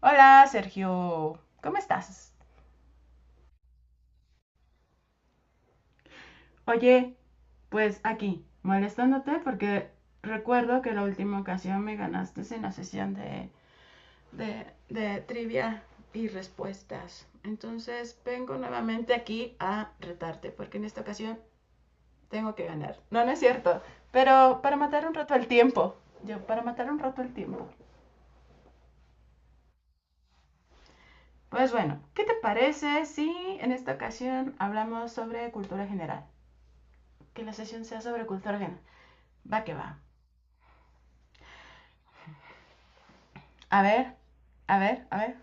Hola, Sergio, ¿cómo estás? Oye, pues aquí, molestándote porque recuerdo que la última ocasión me ganaste en la sesión de trivia y respuestas. Entonces vengo nuevamente aquí a retarte porque en esta ocasión tengo que ganar. No, no es cierto, pero para matar un rato el tiempo. Yo, para matar un rato el tiempo. Pues bueno, ¿qué te parece si en esta ocasión hablamos sobre cultura general? Que la sesión sea sobre cultura general. Va que va. A ver, a ver, a ver.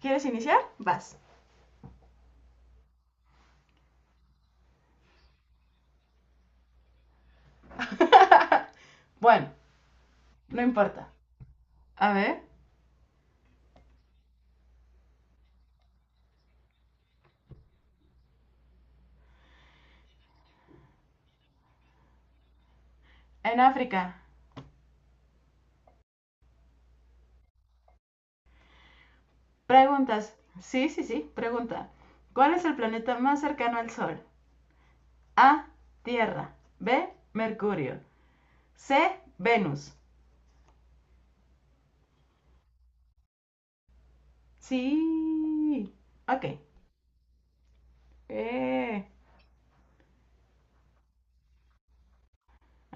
¿Quieres iniciar? Vas. Bueno, no importa. A ver, en África. Preguntas. Sí, sí, sí, pregunta. ¿Cuál es el planeta más cercano al Sol? A. Tierra. B. Mercurio. C. Venus. Sí. Ok. Eh,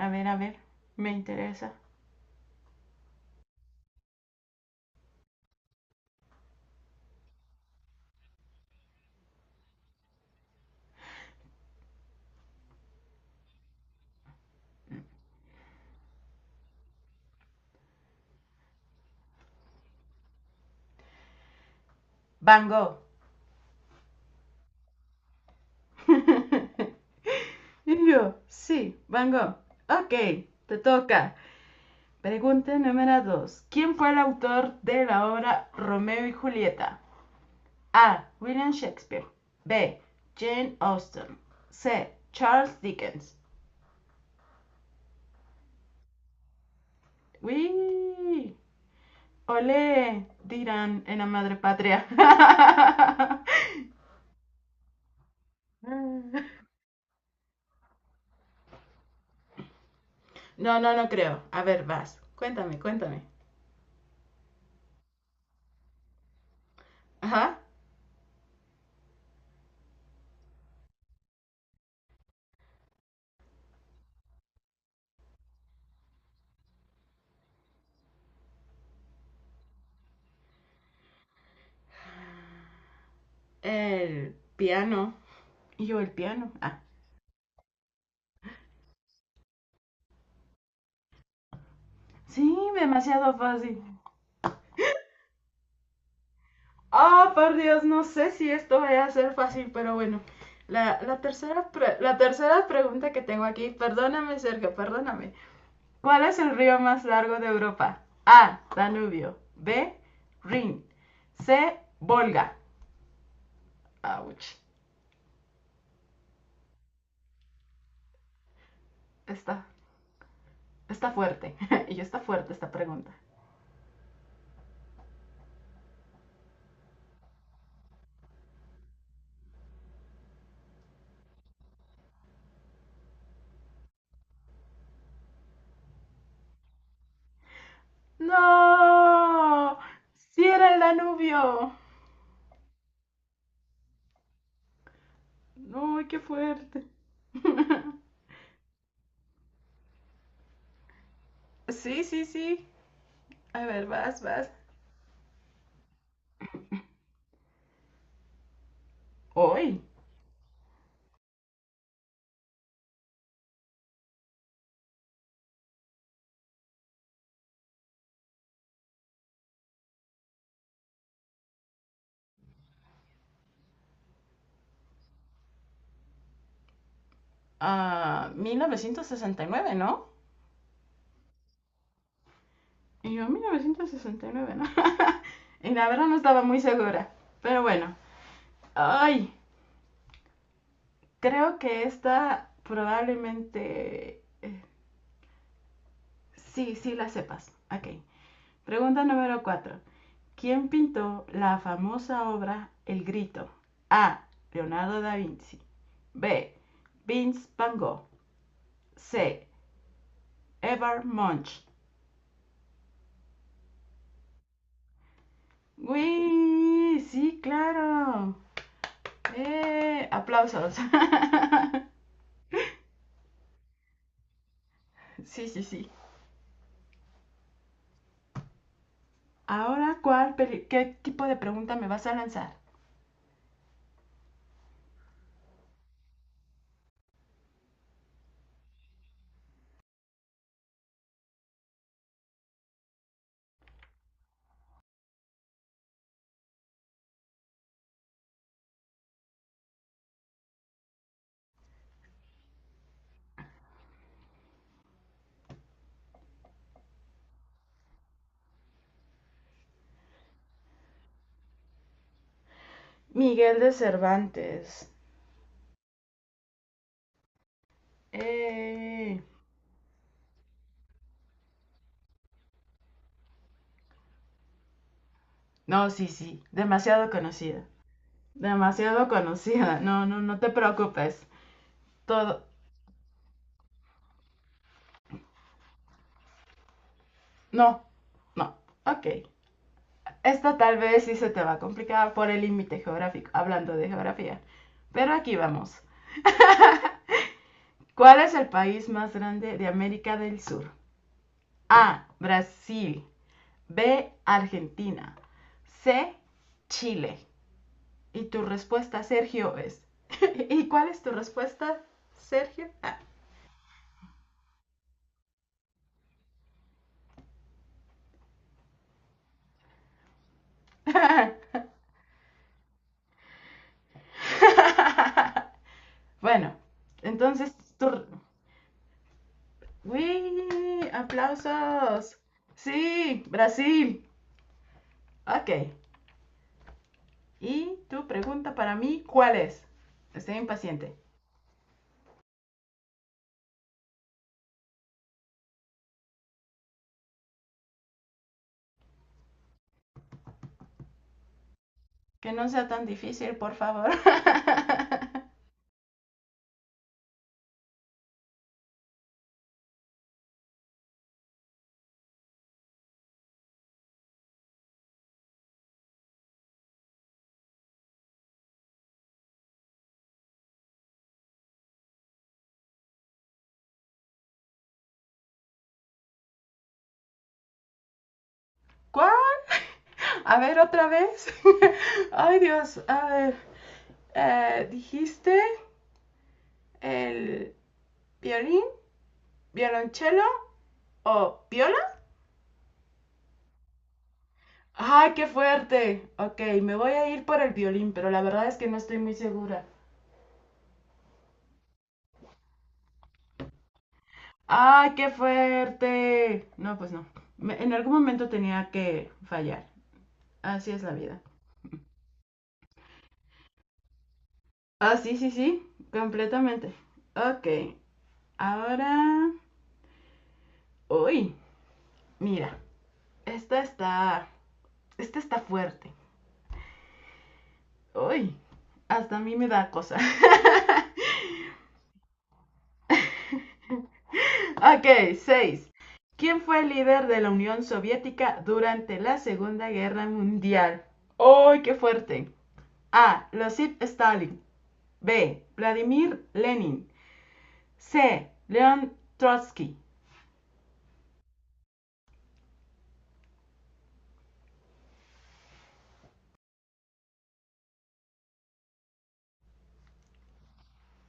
a ver, a ver. Me interesa. Van Gogh. Y yo, sí, Van Gogh. Ok, te toca. Pregunta número 2. ¿Quién fue el autor de la obra Romeo y Julieta? A. William Shakespeare. B. Jane Austen. C. Charles Dickens. ¡Uy! ¡Ole! Dirán en la madre patria. No, no, no creo. A ver, vas. Cuéntame, cuéntame. Ajá. El piano. Y yo, el piano. Ah. Sí, demasiado fácil. Ah, oh, por Dios, no sé si esto vaya a ser fácil, pero bueno. La tercera pregunta que tengo aquí, perdóname, Sergio, perdóname. ¿Cuál es el río más largo de Europa? A. Danubio. B. Rin. C. Volga. Ouch. Está, Está fuerte. Y está fuerte esta pregunta. ¡No! ¡Sí era el Danubio! ¡Uy, qué fuerte! Sí, sí, sí. A ver, vas, vas. ¡Uy! A 1969, ¿no? Y yo, 1969, ¿no? Y la verdad no estaba muy segura. Pero bueno, ay, creo que esta probablemente... sí, sí la sepas. Ok. Pregunta número 4. ¿Quién pintó la famosa obra El Grito? A. Leonardo da Vinci. B. Vince Van Gogh. C. Edvard Munch. ¡Uy! Sí, claro. Aplausos. Sí, sí, sí. Ahora, ¿qué tipo de pregunta me vas a lanzar? Miguel de Cervantes. Eh. No, sí, sí. Demasiado conocida. Demasiado conocida. No, no, no te preocupes. Todo. No, no. Ok. Esta tal vez sí se te va a complicar por el límite geográfico, hablando de geografía. Pero aquí vamos. ¿Cuál es el país más grande de América del Sur? A. Brasil. B, Argentina. C, Chile. Y tu respuesta, Sergio, es... ¿Y cuál es tu respuesta, Sergio? Ah. Bueno, entonces tu... ¡Uy! ¡Aplausos! Sí, Brasil. Ok. Y tu pregunta para mí, ¿cuál es? Estoy impaciente. Que no sea tan difícil, por favor. ¿Cuál? A ver, otra vez. Ay, Dios. A ver. ¿Dijiste el violín, violonchelo o viola? ¡Ay, qué fuerte! Ok, me voy a ir por el violín, pero la verdad es que no estoy muy segura. ¡Ay, qué fuerte! No, pues no. Me- en algún momento tenía que fallar. Así es la vida. Ah, sí, sí, sí. Completamente. Ok, ahora... Uy, mira. Esta está. Esta está fuerte. Uy, hasta a mí me da cosa. Ok, 6. ¿Quién fue el líder de la Unión Soviética durante la Segunda Guerra Mundial? ¡Uy, qué fuerte! A. Losip Stalin. B. Vladimir Lenin. C. Leon Trotsky.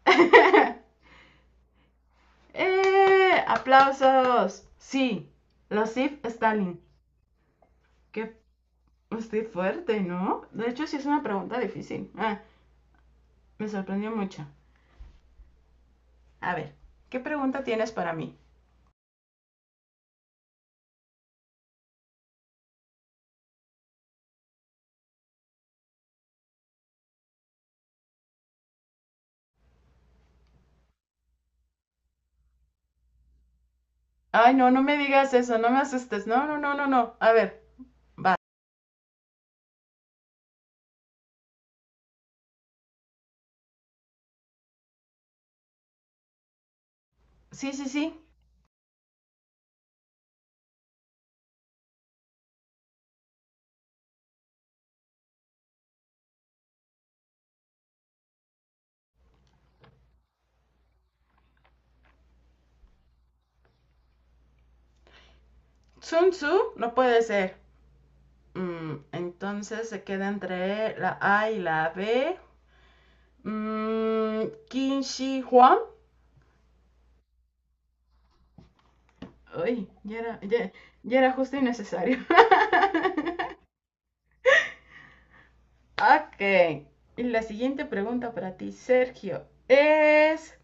¡Eh! ¡Aplausos! Sí, Losif Stalin. Qué estoy fuerte, ¿no? De hecho, sí es una pregunta difícil. Ah. Me sorprendió mucho. A ver, ¿qué pregunta tienes para mí? Ay, no, no me digas eso, no me asustes. No, no, no, no, no. A ver, va. Sí, sí, sí. Sun Tzu no puede ser. Mm, entonces se queda entre la A y la B. Mm, Qin Shi Huang. Uy, ya era, ya, ya era justo y necesario. Ok. Y la siguiente pregunta para ti, Sergio, es: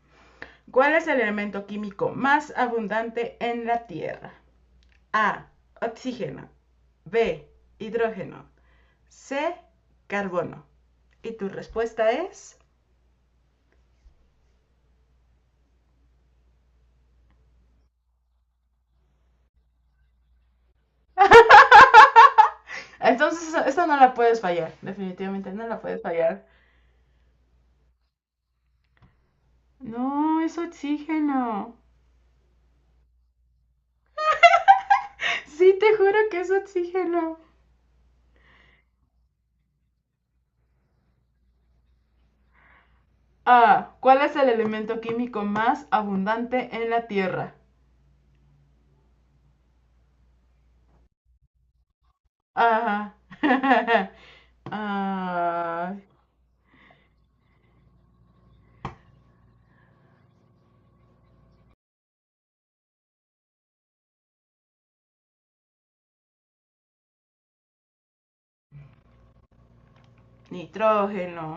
¿cuál es el elemento químico más abundante en la Tierra? A. Oxígeno. B. Hidrógeno. C. Carbono. Y tu respuesta es. Entonces, esta no la puedes fallar. Definitivamente no la puedes fallar. No, es oxígeno. Sí, te juro que es oxígeno. A. ¿Cuál es el elemento químico más abundante en la Tierra? A. Ah, nitrógeno.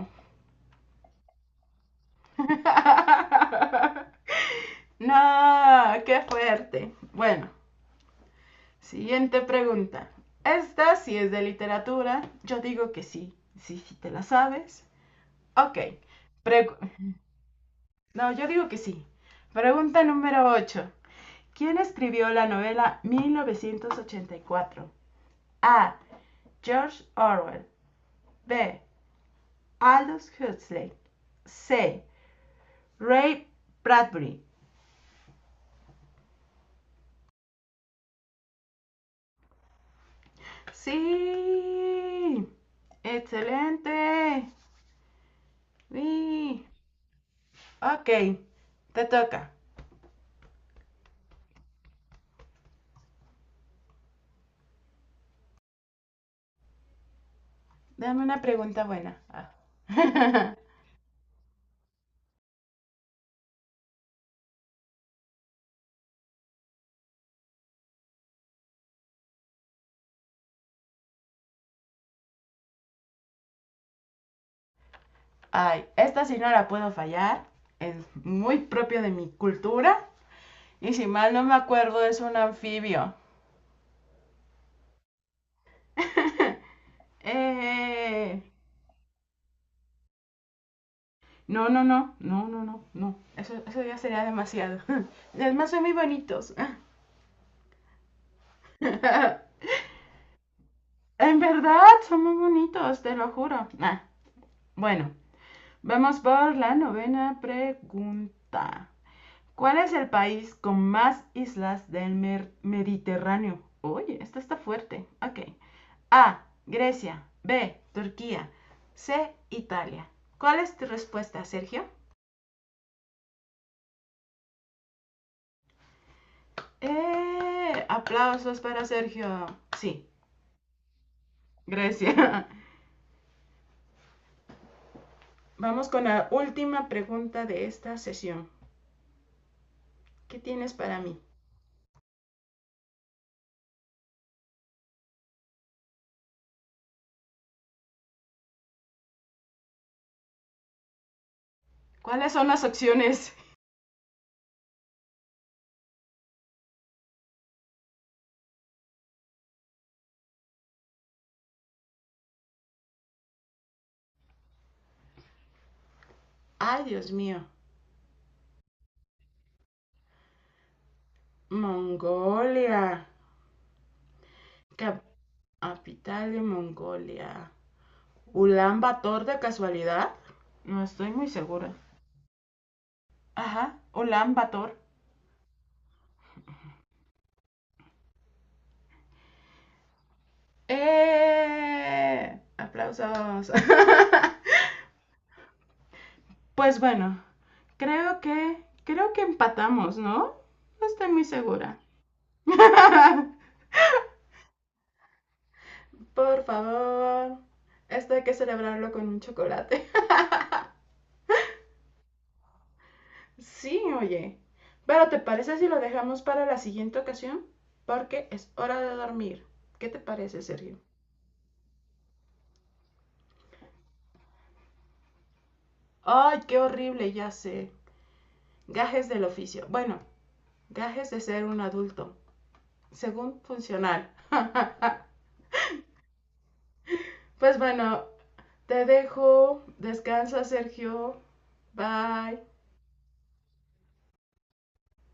No, qué fuerte. Bueno, siguiente pregunta. Esta sí es de literatura. Yo digo que sí. Sí, sí te la sabes. Ok. Pregu- no, yo digo que sí. Pregunta número 8. ¿Quién escribió la novela 1984? A. George Orwell. B. Aldous Huxley. C. Ray Bradbury. Sí. Excelente. Sí. Ok, te toca. Dame una pregunta buena. Ah. Ay, esta sí no la puedo fallar. Es muy propio de mi cultura. Y si mal no me acuerdo, es un anfibio. Eh, no, no, no, no, no, no, no. Eso ya sería demasiado. Además, son muy bonitos. En verdad, son muy bonitos, te lo juro. Ah, bueno, vamos por la novena pregunta. ¿Cuál es el país con más islas del Mediterráneo? Oye, esta está fuerte. Ok. A. Grecia. B. Turquía. C. Italia. ¿Cuál es tu respuesta, Sergio? ¡Eh! Aplausos para Sergio. Sí, Grecia. Vamos con la última pregunta de esta sesión. ¿Qué tienes para mí? ¿Cuáles son las opciones? Ay, Dios mío. Mongolia. Capital de Mongolia. ¿Ulan Bator de casualidad? No estoy muy segura. Ajá, Ulan Bator. ¡Eh! Aplausos. Pues bueno, creo que empatamos, ¿no? No estoy muy segura. Por favor. Esto hay que celebrarlo con un chocolate. Sí, oye. Pero ¿te parece si lo dejamos para la siguiente ocasión? Porque es hora de dormir. ¿Qué te parece, Sergio? Ay, qué horrible, ya sé. Gajes del oficio. Bueno, gajes de ser un adulto. Según funcional. Pues bueno, te dejo. Descansa, Sergio. Bye.